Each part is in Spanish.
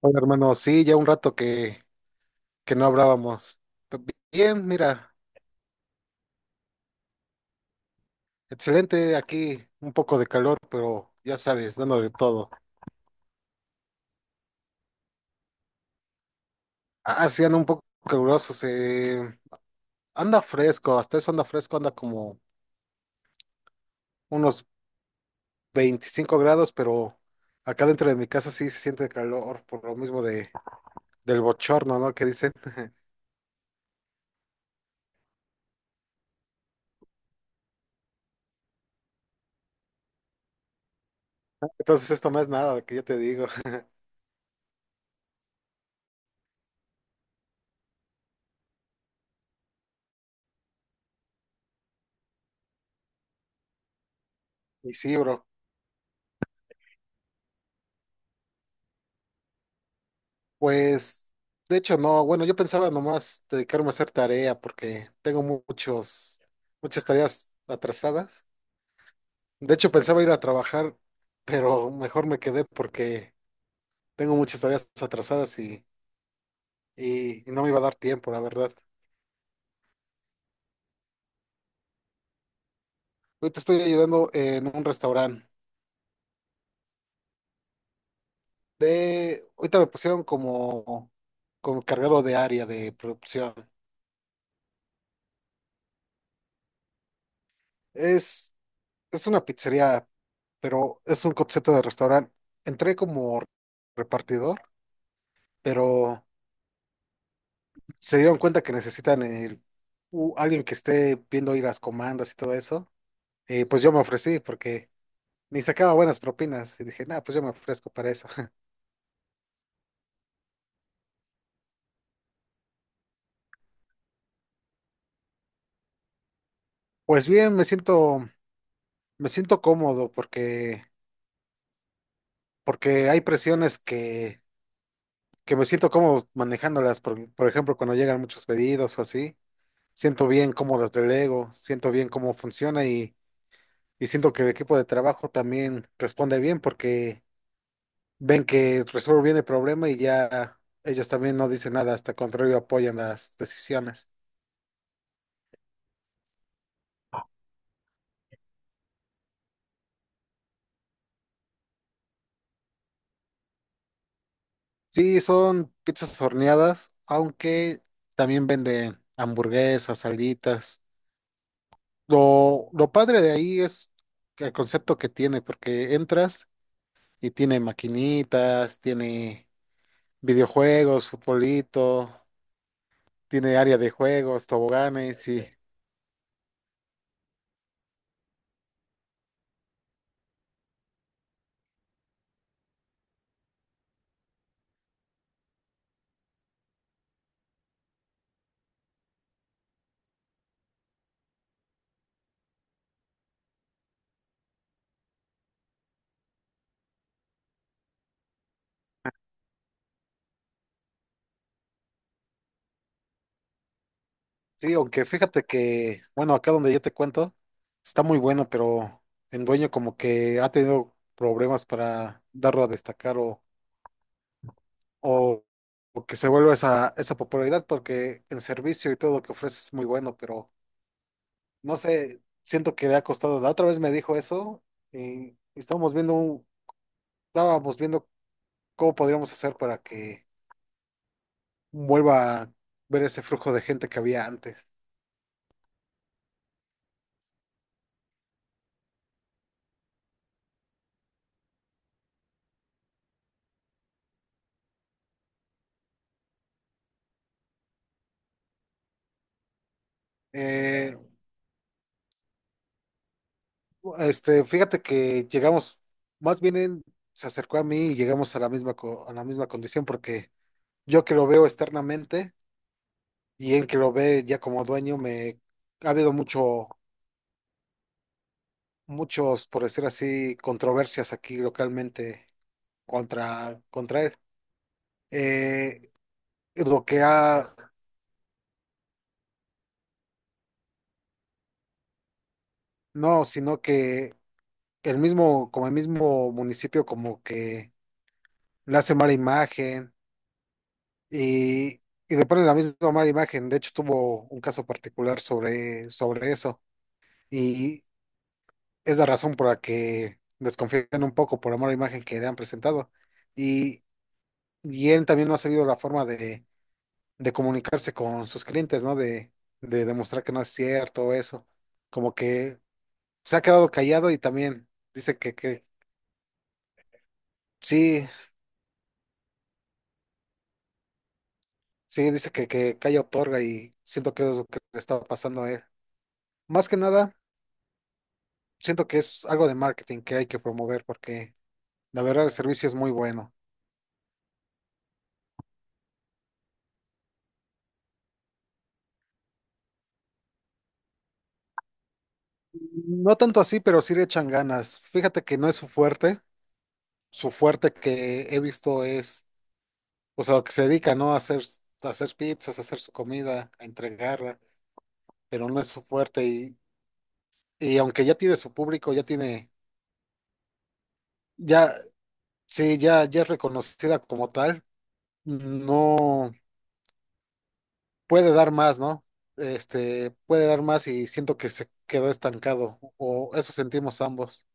Hola, hermano, sí, ya un rato que no hablábamos. Pe- Bien, mira, excelente aquí, un poco de calor, pero ya sabes, dándole todo. Ah, sí, anda un poco caluroso, se anda fresco, hasta eso anda fresco, anda como unos 25 grados, pero acá dentro de mi casa sí se siente calor, por lo mismo de, del bochorno, ¿no? Que dicen. Entonces esto no es nada, que yo te digo. Y sí, bro. Pues, de hecho, no, bueno, yo pensaba nomás dedicarme a hacer tarea porque muchas tareas atrasadas. De hecho, pensaba ir a trabajar, pero mejor me quedé porque tengo muchas tareas atrasadas y no me iba a dar tiempo, la verdad. Ahorita estoy ayudando en un restaurante. Ahorita me pusieron como cargado de área de producción. Es es una pizzería, pero es un concepto de restaurante. Entré como repartidor, pero se dieron cuenta que alguien que esté viendo ir las comandas y todo eso. Y pues yo me ofrecí porque ni sacaba buenas propinas. Y dije, nada, pues yo me ofrezco para eso. Pues bien, me siento cómodo porque hay presiones que me siento cómodo manejándolas. Por ejemplo, cuando llegan muchos pedidos o así, siento bien cómo las delego, siento bien cómo funciona. Y siento que el equipo de trabajo también responde bien porque ven que resuelve bien el problema y ya ellos también no dicen nada, hasta el contrario apoyan las decisiones. Sí, son pizzas horneadas, aunque también venden hamburguesas, salitas. Lo padre de ahí es el concepto que tiene, porque entras y tiene maquinitas, tiene videojuegos, futbolito, tiene área de juegos, toboganes y… Sí, aunque fíjate que, bueno, acá donde yo te cuento, está muy bueno, pero el dueño como que ha tenido problemas para darlo a destacar o, o que se vuelva esa popularidad porque el servicio y todo lo que ofrece es muy bueno, pero no sé, siento que le ha costado. La otra vez me dijo eso y estábamos viendo cómo podríamos hacer para que vuelva a ver ese flujo de gente que había antes. Eh, Fíjate que llegamos, más bien él se acercó a mí y llegamos a la a la misma condición porque yo que lo veo externamente y él que lo ve ya como dueño, me ha habido mucho, muchos, por decir así, controversias aquí localmente contra él. Eh, lo que ha, no, Sino que el mismo, como el mismo municipio como que le hace mala imagen y, y le ponen la misma mala imagen. De hecho, tuvo un caso particular sobre eso. Y es la razón por la que desconfían un poco por la mala imagen que le han presentado. Y, y él también no ha sabido la forma de comunicarse con sus clientes, ¿no? De demostrar que no es cierto eso. Como que se ha quedado callado y también que sí, sí, que calla otorga y siento que es lo que le está pasando a él. Más que nada. Siento que es algo de marketing que hay que promover porque la verdad el servicio es muy bueno. No tanto así, pero sí le echan ganas. Fíjate que no es su fuerte. Su fuerte que he visto es, o sea, lo que se dedica, ¿no? A hacer pizzas, a hacer su comida, a entregarla, pero no es su fuerte. Y aunque ya tiene su público, ya, sí, ya, ya es reconocida como tal, no. Puede dar más, ¿no? Este, puede dar más y siento que se quedó estancado, o eso sentimos ambos.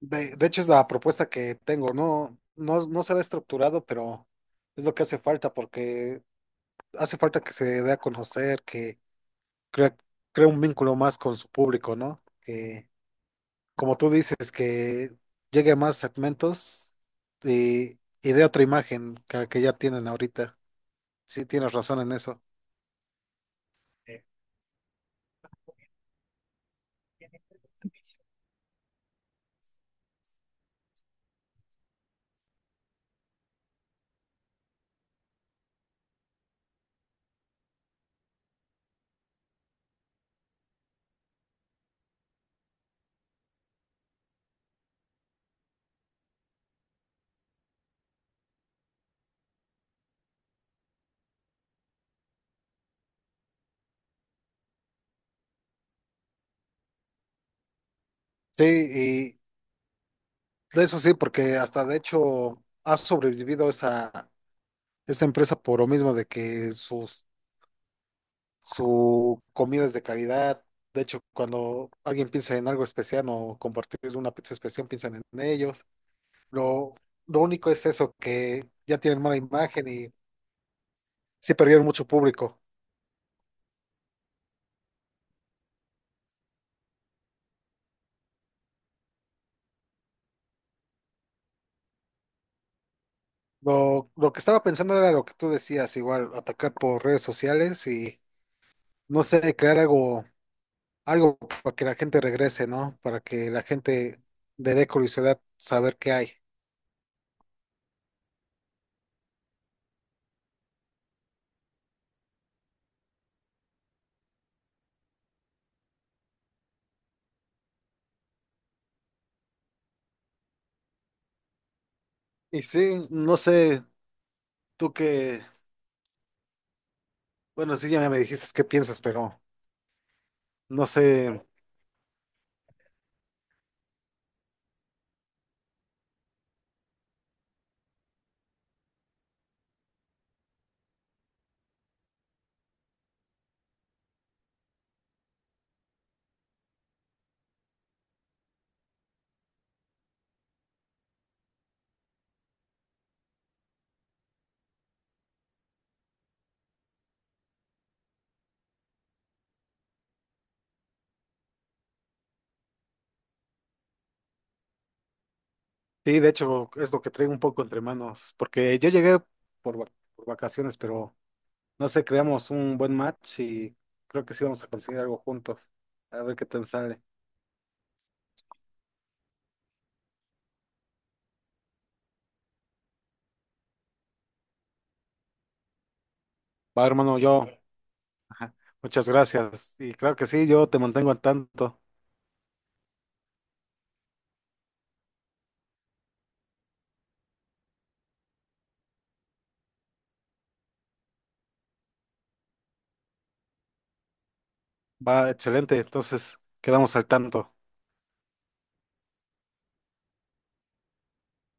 De hecho, es la propuesta que tengo, no, no, no se ve estructurado, pero es lo que hace falta, porque hace falta que se dé a conocer, crea, crea un vínculo más con su público, ¿no? Que, como tú dices, que llegue a más segmentos y dé otra imagen que ya tienen ahorita. Sí, tienes razón en eso. Sí, de eso sí, porque hasta de hecho ha sobrevivido esa empresa por lo mismo de que su comida es de calidad. De hecho, cuando alguien piensa en algo especial o compartir una pizza especial, piensan en ellos. Lo, lo único es eso, que ya tienen mala imagen y sí perdieron mucho público. Lo que estaba pensando era lo que tú decías, igual, atacar por redes sociales no sé, crear algo. Algo para que la gente regrese, ¿no? Para que la gente le dé curiosidad saber qué hay. Y sí, no sé, tú qué, bueno, sí, ya me dijiste qué piensas, pero no sé, sí, de hecho es lo que traigo un poco entre manos, porque yo llegué por vacaciones, pero no sé, creamos un buen match y creo que sí vamos a conseguir algo juntos, a ver qué tal sale. Va, hermano, yo, ajá, muchas gracias, y claro que sí, yo te mantengo al tanto. Va, excelente, entonces quedamos al tanto.